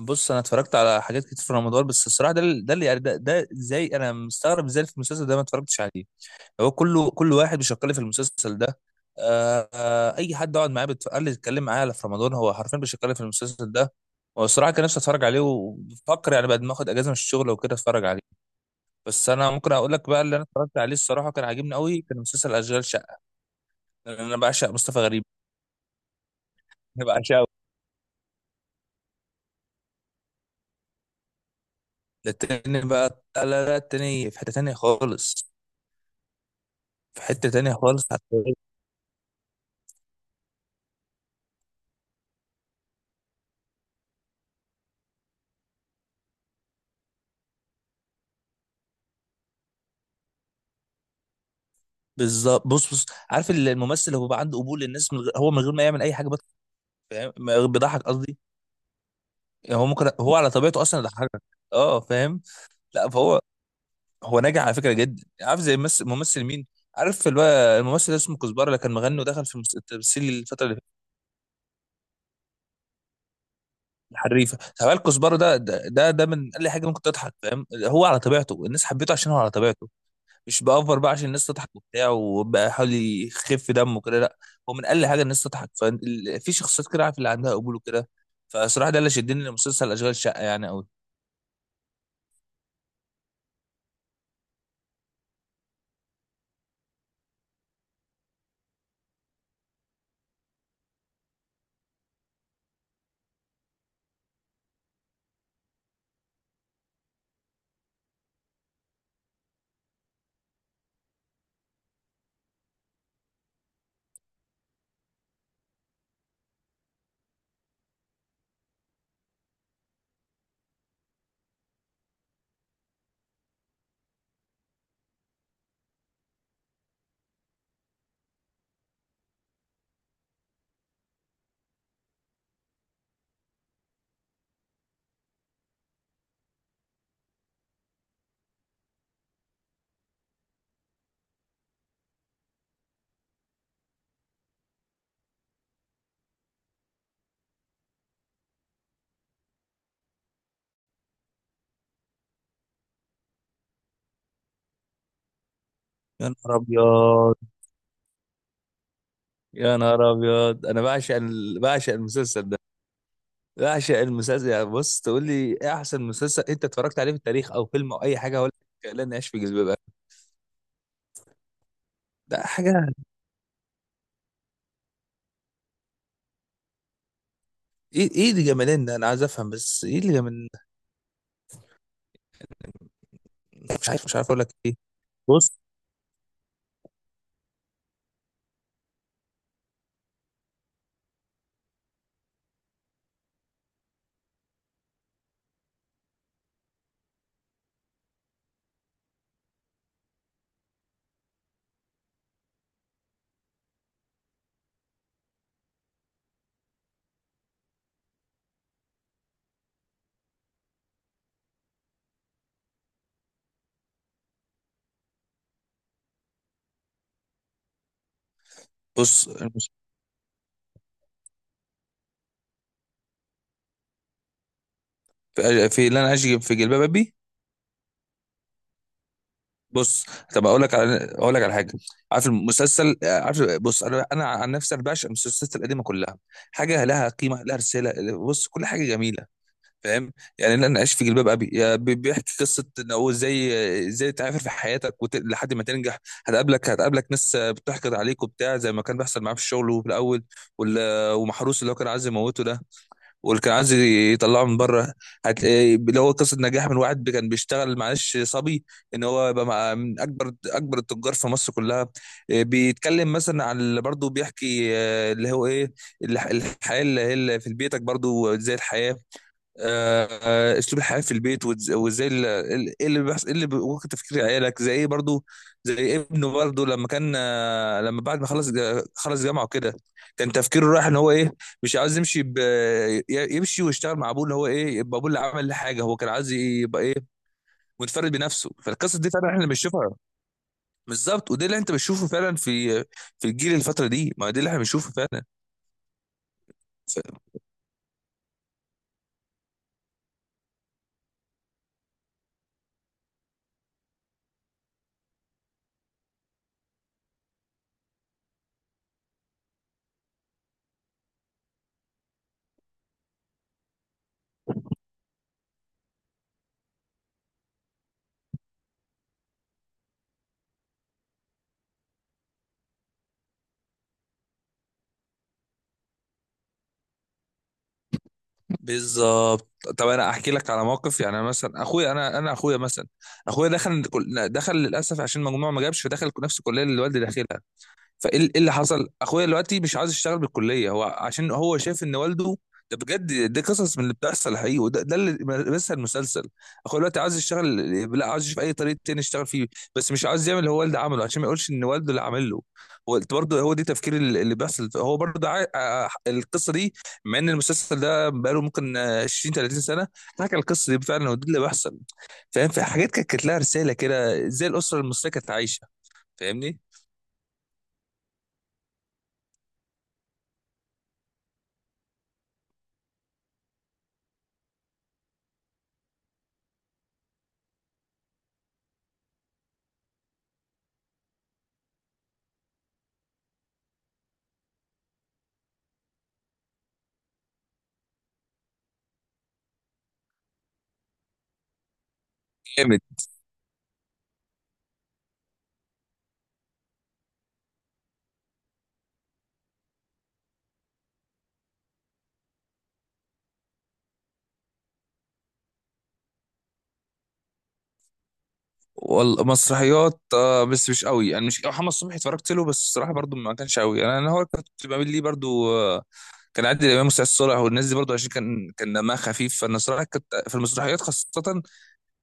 بص انا اتفرجت على حاجات كتير في رمضان. بس الصراحه ده ده زي انا مستغرب ازاي في المسلسل ده ما اتفرجتش عليه. هو كله كل واحد بيشكل في المسلسل ده. اي حد اقعد معاه بتقل لي اتكلم معاه على في رمضان هو حرفيا بيشكل في المسلسل ده. والصراحه كان نفسي اتفرج عليه وبفكر يعني بعد ما اخد اجازه من الشغل وكده اتفرج عليه. بس انا ممكن اقول لك بقى اللي انا اتفرجت عليه الصراحه كان عاجبني قوي، كان مسلسل اشغال شقه. لأن انا بعشق مصطفى غريب، انا بعشقه. ده التاني بقى، لا لا لا، التاني في حته تانيه خالص، في حته تانيه خالص. بالظبط. بص عارف الممثل اللي هو بقى عنده قبول للناس من غير هو من غير ما يعمل اي حاجه فاهم؟ بيضحك قصدي. يعني هو ممكن هو على طبيعته اصلا يضحكك. اه فاهم. لا فهو هو ناجح على فكره جدا، عارف زي ممثل مين؟ عارف اللي هو الممثل اللي اسمه كزبره اللي كان مغني ودخل في التمثيل الفتره اللي فاتت. الحريفه، تعال كزبره، ده من اقل حاجه ممكن تضحك، فاهم؟ هو على طبيعته الناس حبيته عشان هو على طبيعته. مش بأفر بقى عشان الناس تضحك وبتاع وبقى حاول يخف دمه كده، لا. هو من اقل حاجه الناس تضحك. ففي شخصيات كده عارف اللي عندها قبول وكده. فصراحه ده اللي شدني لمسلسل اشغال شقه يعني قوي. يا نهار ابيض، يا نهار ابيض، انا بعشق ال... بعشق المسلسل ده، بعشق المسلسل. يعني بص تقول لي ايه احسن مسلسل انت اتفرجت عليه في التاريخ او فيلم او اي حاجه ولا؟ لا نعيش في جلباب ابي. ده حاجه. ايه ايه اللي جمالين ده انا عايز افهم، بس ايه اللي جمال؟ مش عارف، مش عارف اقول لك ايه. بص بص. في اللي انا اجي في جلباب ابي. بص، طب اقول لك على حاجه. عارف المسلسل، عارف، بص انا عن نفسي انا بعشق المسلسلات القديمه كلها. حاجه لها قيمه، لها رساله، بص كل حاجه جميله. فاهم؟ يعني اللي انا عايش في جلباب ابي، بيحكي قصه ان هو ازاي ازاي تعافر في حياتك وت... لحد ما تنجح. هتقابلك ناس بتحقد عليك وبتاع زي ما كان بيحصل معاه في الشغل وفي الاول. وال... ومحروس اللي هو كان عايز يموته ده، واللي كان عايز يطلعه من بره. هت... اللي هو قصه نجاح من واحد كان بيشتغل معلش صبي، ان هو يبقى مع من اكبر التجار في مصر كلها. آه، بيتكلم مثلا عن اللي برضه بيحكي آه، اللي هو ايه، الحياه اللي هي اللي في بيتك برضه زي الحياه. آه، آه، اسلوب الحياه في البيت وازاي ايه اللي بيحصل ايه اللي ممكن تفكير عيالك زي ايه برضو. زي ابنه برضو لما كان آه، لما بعد ما خلص خلص جامعه وكده، كان تفكيره رايح ان هو ايه، مش عاوز يمشي يمشي ويشتغل مع ابوه. اللي هو ايه، يبقى ابوه اللي عمل له حاجه، هو كان عايز يبقى ايه، متفرد بنفسه. فالقصص دي فعلا احنا اللي بنشوفها. بالظبط، وده اللي انت بتشوفه فعلا في في الجيل الفتره دي، ما ده اللي احنا بنشوفه فعلا. بالظبط. طب انا احكي لك على موقف، يعني أنا مثلا اخويا، انا اخويا مثلا، اخويا دخل دخل للاسف عشان مجموعه ما جابش، فدخل نفس الكليه اللي والدي داخلها. إيه اللي حصل، اخويا دلوقتي مش عاوز يشتغل بالكليه هو عشان هو شايف ان والده، ده بجد، دي قصص من اللي بتحصل حقيقي، وده اللي، بس المسلسل، اخويا دلوقتي عاوز يشتغل، لا عاوز يشوف اي طريق تاني يشتغل فيه، بس مش عاوز يعمل اللي هو والده عمله عشان ما يقولش ان والده اللي عمل له. هو برضه، هو دي تفكير اللي بيحصل، هو برضه عا... آه، القصه دي، مع ان المسلسل ده بقاله ممكن 20 30 سنه، حكى القصه دي فعلا، ودي اللي بيحصل. فاهم؟ في حاجات كانت كانت لها رساله كده، زي الاسره المصريه كانت عايشه. فاهمني؟ والله مسرحيات آه، بس مش قوي يعني. مش محمد صبحي اتفرجت له، بس الصراحه برضو ما كانش قوي. انا انا هو كنت بعمل ليه برضو آه كان عادل امام وسعاد صالح والناس دي، برضو عشان كان دمها خفيف. فانا الصراحه كنت في المسرحيات خاصه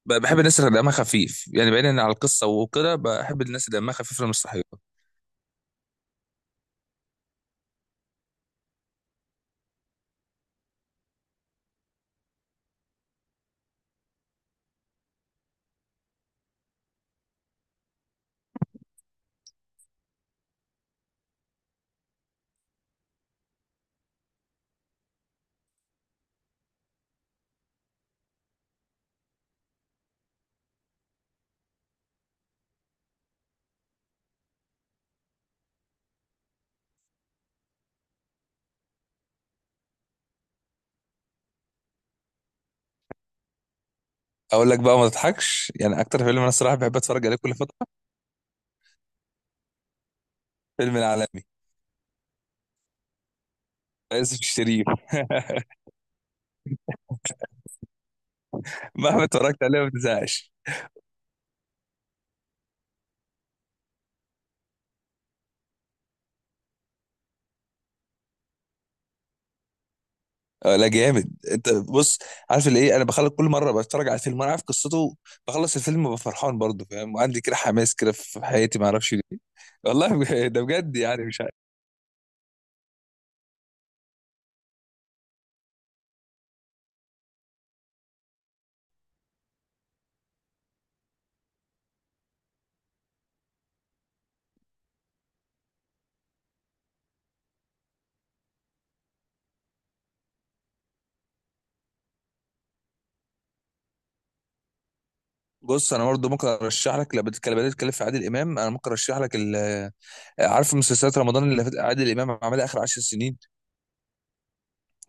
بحب الناس اللي دمها خفيف. يعني بعيدا عن القصه وكده، بحب الناس اللي دمها خفيف في المسرحيات. اقول لك بقى ما تضحكش، يعني اكتر فيلم انا الصراحه بحب اتفرج عليه كل فتره، فيلم العالمي، يوسف الشريف مهما اتفرجت عليه ما بتزهقش. آه، لا جامد انت، بص، عارف اللي ايه، انا بخلص كل مره بتفرج على الفيلم وانا عارف قصته، بخلص الفيلم ببقى فرحان برضه، فاهم؟ وعندي كده حماس كده في حياتي، ما اعرفش ليه. والله ده بجد، يعني مش عارف. بص انا برضه ممكن ارشح لك، لو بدأت تتكلم في عادل امام، انا ممكن ارشح لك ال-، عارف مسلسلات رمضان اللي فاتت عادل امام عملها اخر 10 سنين،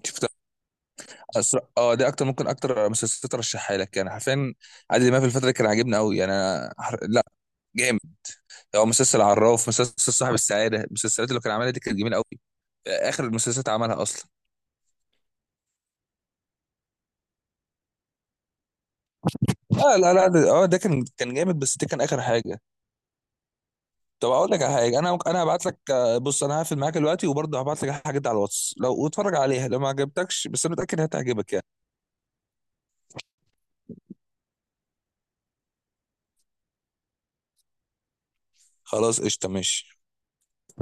شفتها؟ اه دي اكتر، ممكن اكتر مسلسلات ارشحها لك يعني حرفيا. عادل امام في الفتره دي كان عاجبني قوي يعني. لا جامد. هو مسلسل عراف، مسلسل صاحب السعاده، المسلسلات اللي كان عملها دي كانت جميله قوي، اخر المسلسلات عملها اصلا. لا لا لا اه ده كان كان جامد، بس ده كان اخر حاجه. طب اقول لك على حاجه انا ممكن، هبعت لك آه، بص انا هقفل معاك دلوقتي وبرضه هبعت لك حاجات على الواتس لو اتفرج عليها، لو ما عجبتكش بس انا متاكد هتعجبك يعني. خلاص قشطه ماشي.